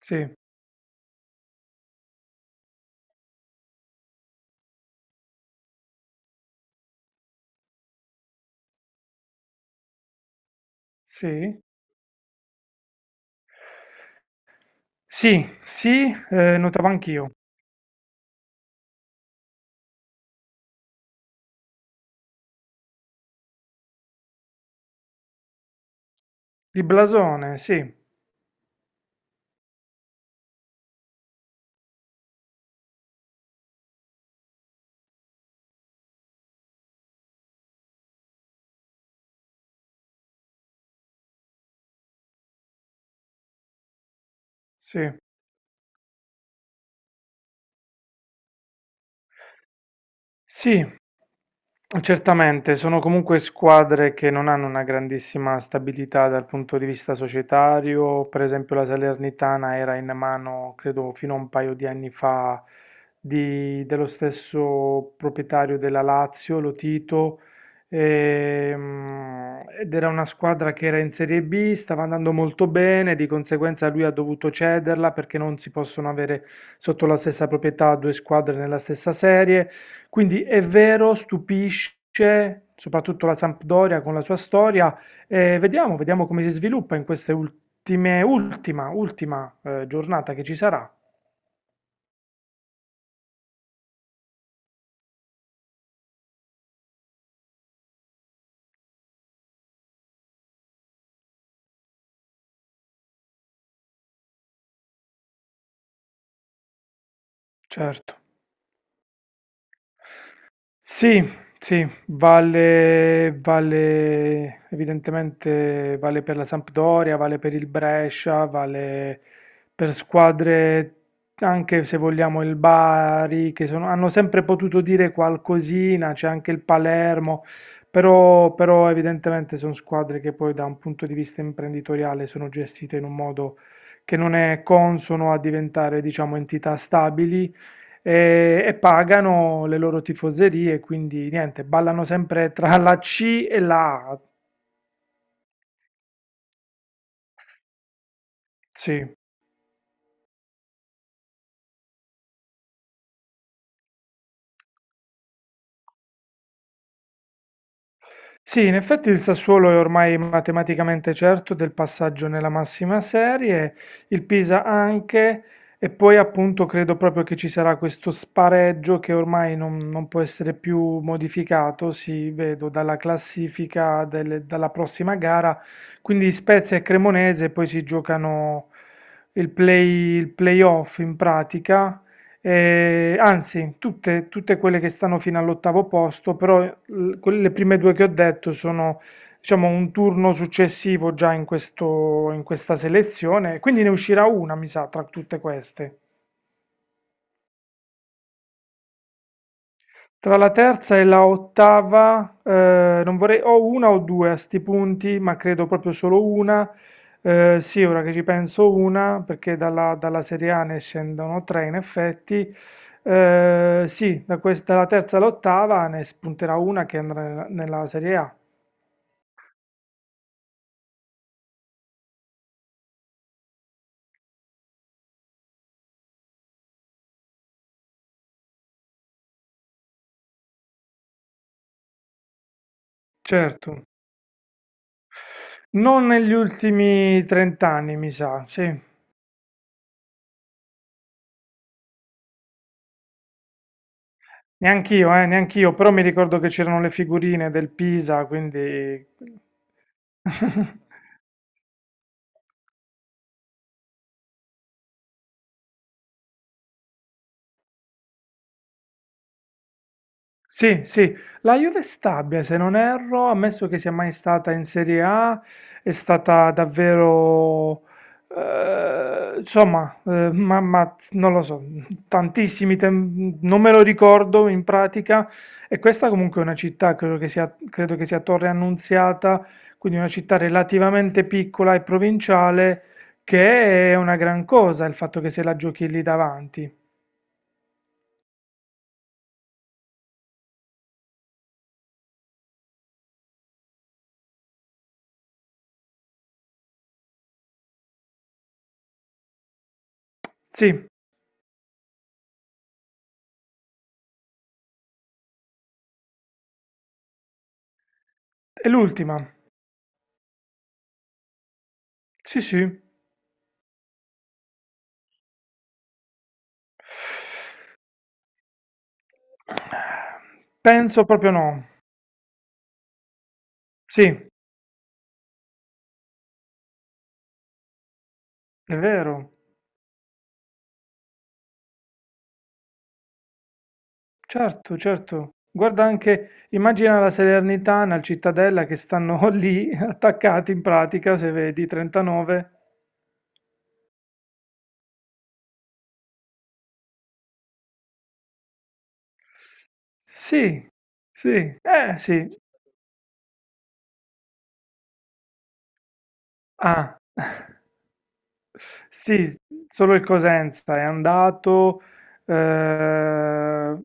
Sì, sì, sì. Notavo anch'io. Di blasone, sì, sì. Certamente, sono comunque squadre che non hanno una grandissima stabilità dal punto di vista societario. Per esempio, la Salernitana era in mano, credo, fino a un paio di anni fa, dello stesso proprietario della Lazio, Lotito, ed era una squadra che era in Serie B, stava andando molto bene, di conseguenza lui ha dovuto cederla perché non si possono avere sotto la stessa proprietà due squadre nella stessa serie. Quindi è vero, stupisce, soprattutto la Sampdoria con la sua storia. Vediamo, vediamo come si sviluppa in queste ultime, ultima, ultima giornata che ci sarà. Certo. Sì, sì, vale, vale, evidentemente vale per la Sampdoria, vale per il Brescia, vale per squadre anche se vogliamo il Bari, hanno sempre potuto dire qualcosina, c'è anche il Palermo, però evidentemente sono squadre che poi da un punto di vista imprenditoriale sono gestite in un modo che non è consono a diventare, diciamo, entità stabili e, pagano le loro tifoserie, quindi niente, ballano sempre tra la C e la A. Sì. Sì, in effetti il Sassuolo è ormai matematicamente certo del passaggio nella massima serie, il Pisa anche, e poi appunto credo proprio che ci sarà questo spareggio che ormai non può essere più modificato, si vedo dalla classifica dalla prossima gara, quindi Spezia e Cremonese poi si giocano il playoff in pratica, anzi, tutte, tutte quelle che stanno fino all'ottavo posto, però le prime due che ho detto sono, diciamo, un turno successivo già in questa selezione, quindi ne uscirà una, mi sa, tra tutte queste. Tra la terza e la ottava, non vorrei, o una o due a sti punti, ma credo proprio solo una. Sì, ora che ci penso una, perché dalla Serie A ne scendono tre in effetti. Sì, da questa, dalla terza all'ottava ne spunterà una che andrà nella Serie A. Certo, non negli ultimi 30 anni, mi sa, sì. Neanch'io, neanch'io, però mi ricordo che c'erano le figurine del Pisa, quindi... Sì, sì, la Juve è stabile, se non erro, ammesso che sia mai stata in Serie A, è stata davvero, insomma, ma non lo so, non me lo ricordo in pratica, e questa comunque è una città, credo che sia Torre Annunziata, quindi una città relativamente piccola e provinciale, che è una gran cosa il fatto che se la giochi lì davanti. Sì, è l'ultima, sì, sì. Penso proprio no. Sì, è vero. Certo, certo. Guarda anche, immagina la Salernitana, il Cittadella che stanno lì attaccati in pratica, se vedi, 39. Sì, sì, eh sì. Ah, sì, solo il Cosenza è andato, eh,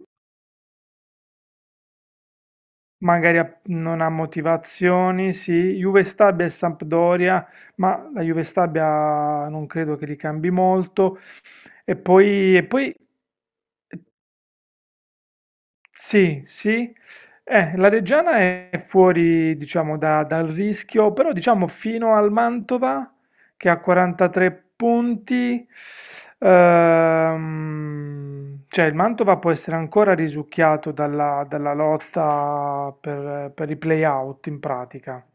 non ha motivazioni, sì, Juve Stabia e Sampdoria, ma la Juve Stabia non credo che li cambi molto. E poi sì, sì. La Reggiana è fuori, diciamo, dal rischio, però diciamo fino al Mantova, che ha 43 punti, cioè il Mantova può essere ancora risucchiato dalla lotta per i play-out in pratica.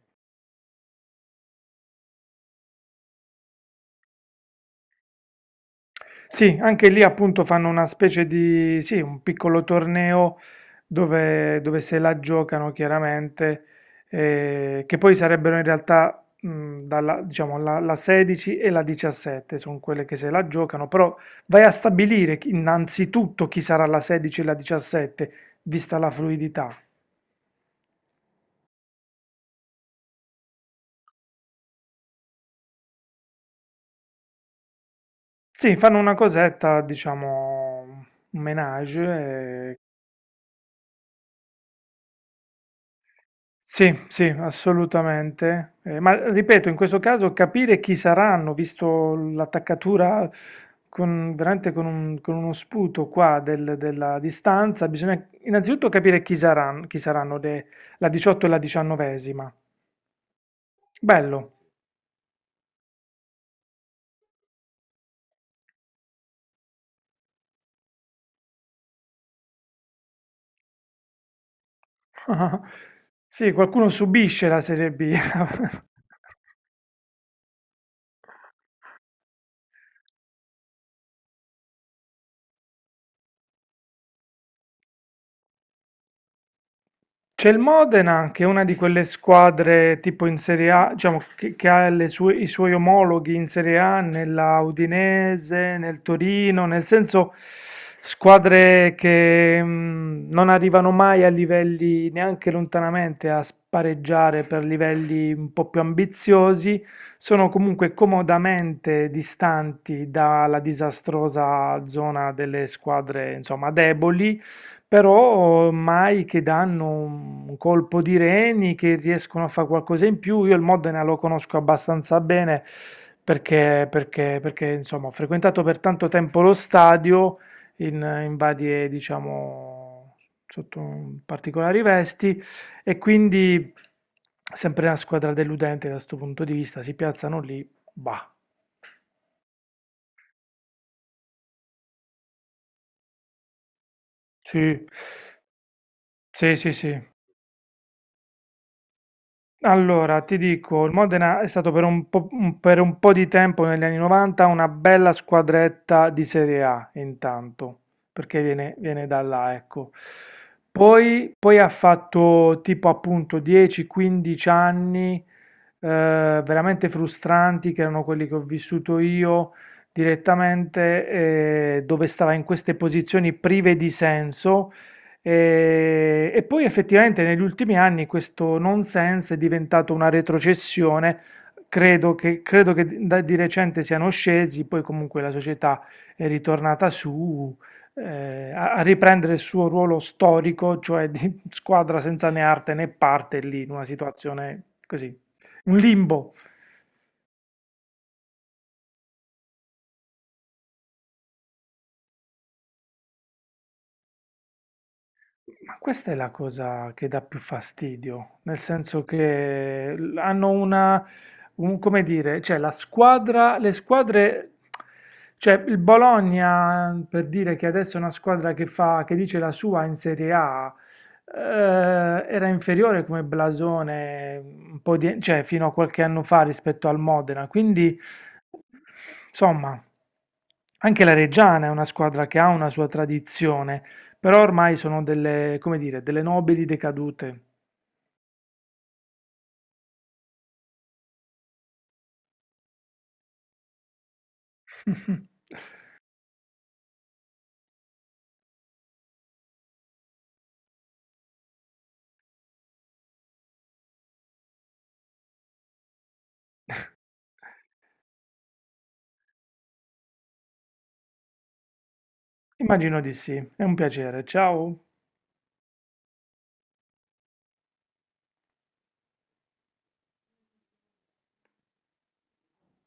Sì, anche lì appunto fanno una specie di, sì, un piccolo torneo dove se la giocano chiaramente, che poi sarebbero in realtà diciamo, la 16 e la 17 sono quelle che se la giocano, però vai a stabilire innanzitutto chi sarà la 16 e la 17, vista la fluidità. Sì, fanno una cosetta, diciamo, un menage, eh, sì, sì, assolutamente. Ma ripeto, in questo caso capire chi saranno, visto l'attaccatura con, veramente con, un- con uno sputo qua della distanza, bisogna innanzitutto capire chi saranno la 18 e la 19esima. Bello. Sì, qualcuno subisce la Serie B. C'è il Modena, che è una di quelle squadre tipo in Serie A, diciamo, che ha i suoi omologhi in Serie A, nella Udinese, nel Torino, nel senso squadre che non arrivano mai a livelli neanche lontanamente a spareggiare per livelli un po' più ambiziosi, sono comunque comodamente distanti dalla disastrosa zona delle squadre, insomma, deboli però mai che danno un colpo di reni, che riescono a fare qualcosa in più. Io il Modena lo conosco abbastanza bene perché, insomma, ho frequentato per tanto tempo lo stadio in, in varie, diciamo, sotto particolari vesti e quindi sempre una squadra deludente da questo punto di vista. Si piazzano lì, bah, sì, sì. Allora, ti dico, il Modena è stato per un po' di tempo negli anni 90 una bella squadretta di Serie A, intanto, perché viene da là, ecco. Poi ha fatto tipo appunto 10-15 anni veramente frustranti, che erano quelli che ho vissuto io direttamente, dove stava in queste posizioni prive di senso e, poi effettivamente negli ultimi anni questo nonsense è diventato una retrocessione, credo che di recente siano scesi, poi comunque la società è ritornata su, a riprendere il suo ruolo storico, cioè di squadra senza né arte né parte lì, in una situazione così, un limbo. Ma questa è la cosa che dà più fastidio, nel senso che hanno come dire, le squadre, cioè il Bologna, per dire che adesso è una squadra che fa, che dice la sua in Serie A, eh, era inferiore come blasone un po' di, cioè fino a qualche anno fa rispetto al Modena, quindi insomma, anche la Reggiana è una squadra che ha una sua tradizione. Però ormai sono delle, come dire, delle nobili decadute. Immagino di sì, è un piacere. Ciao.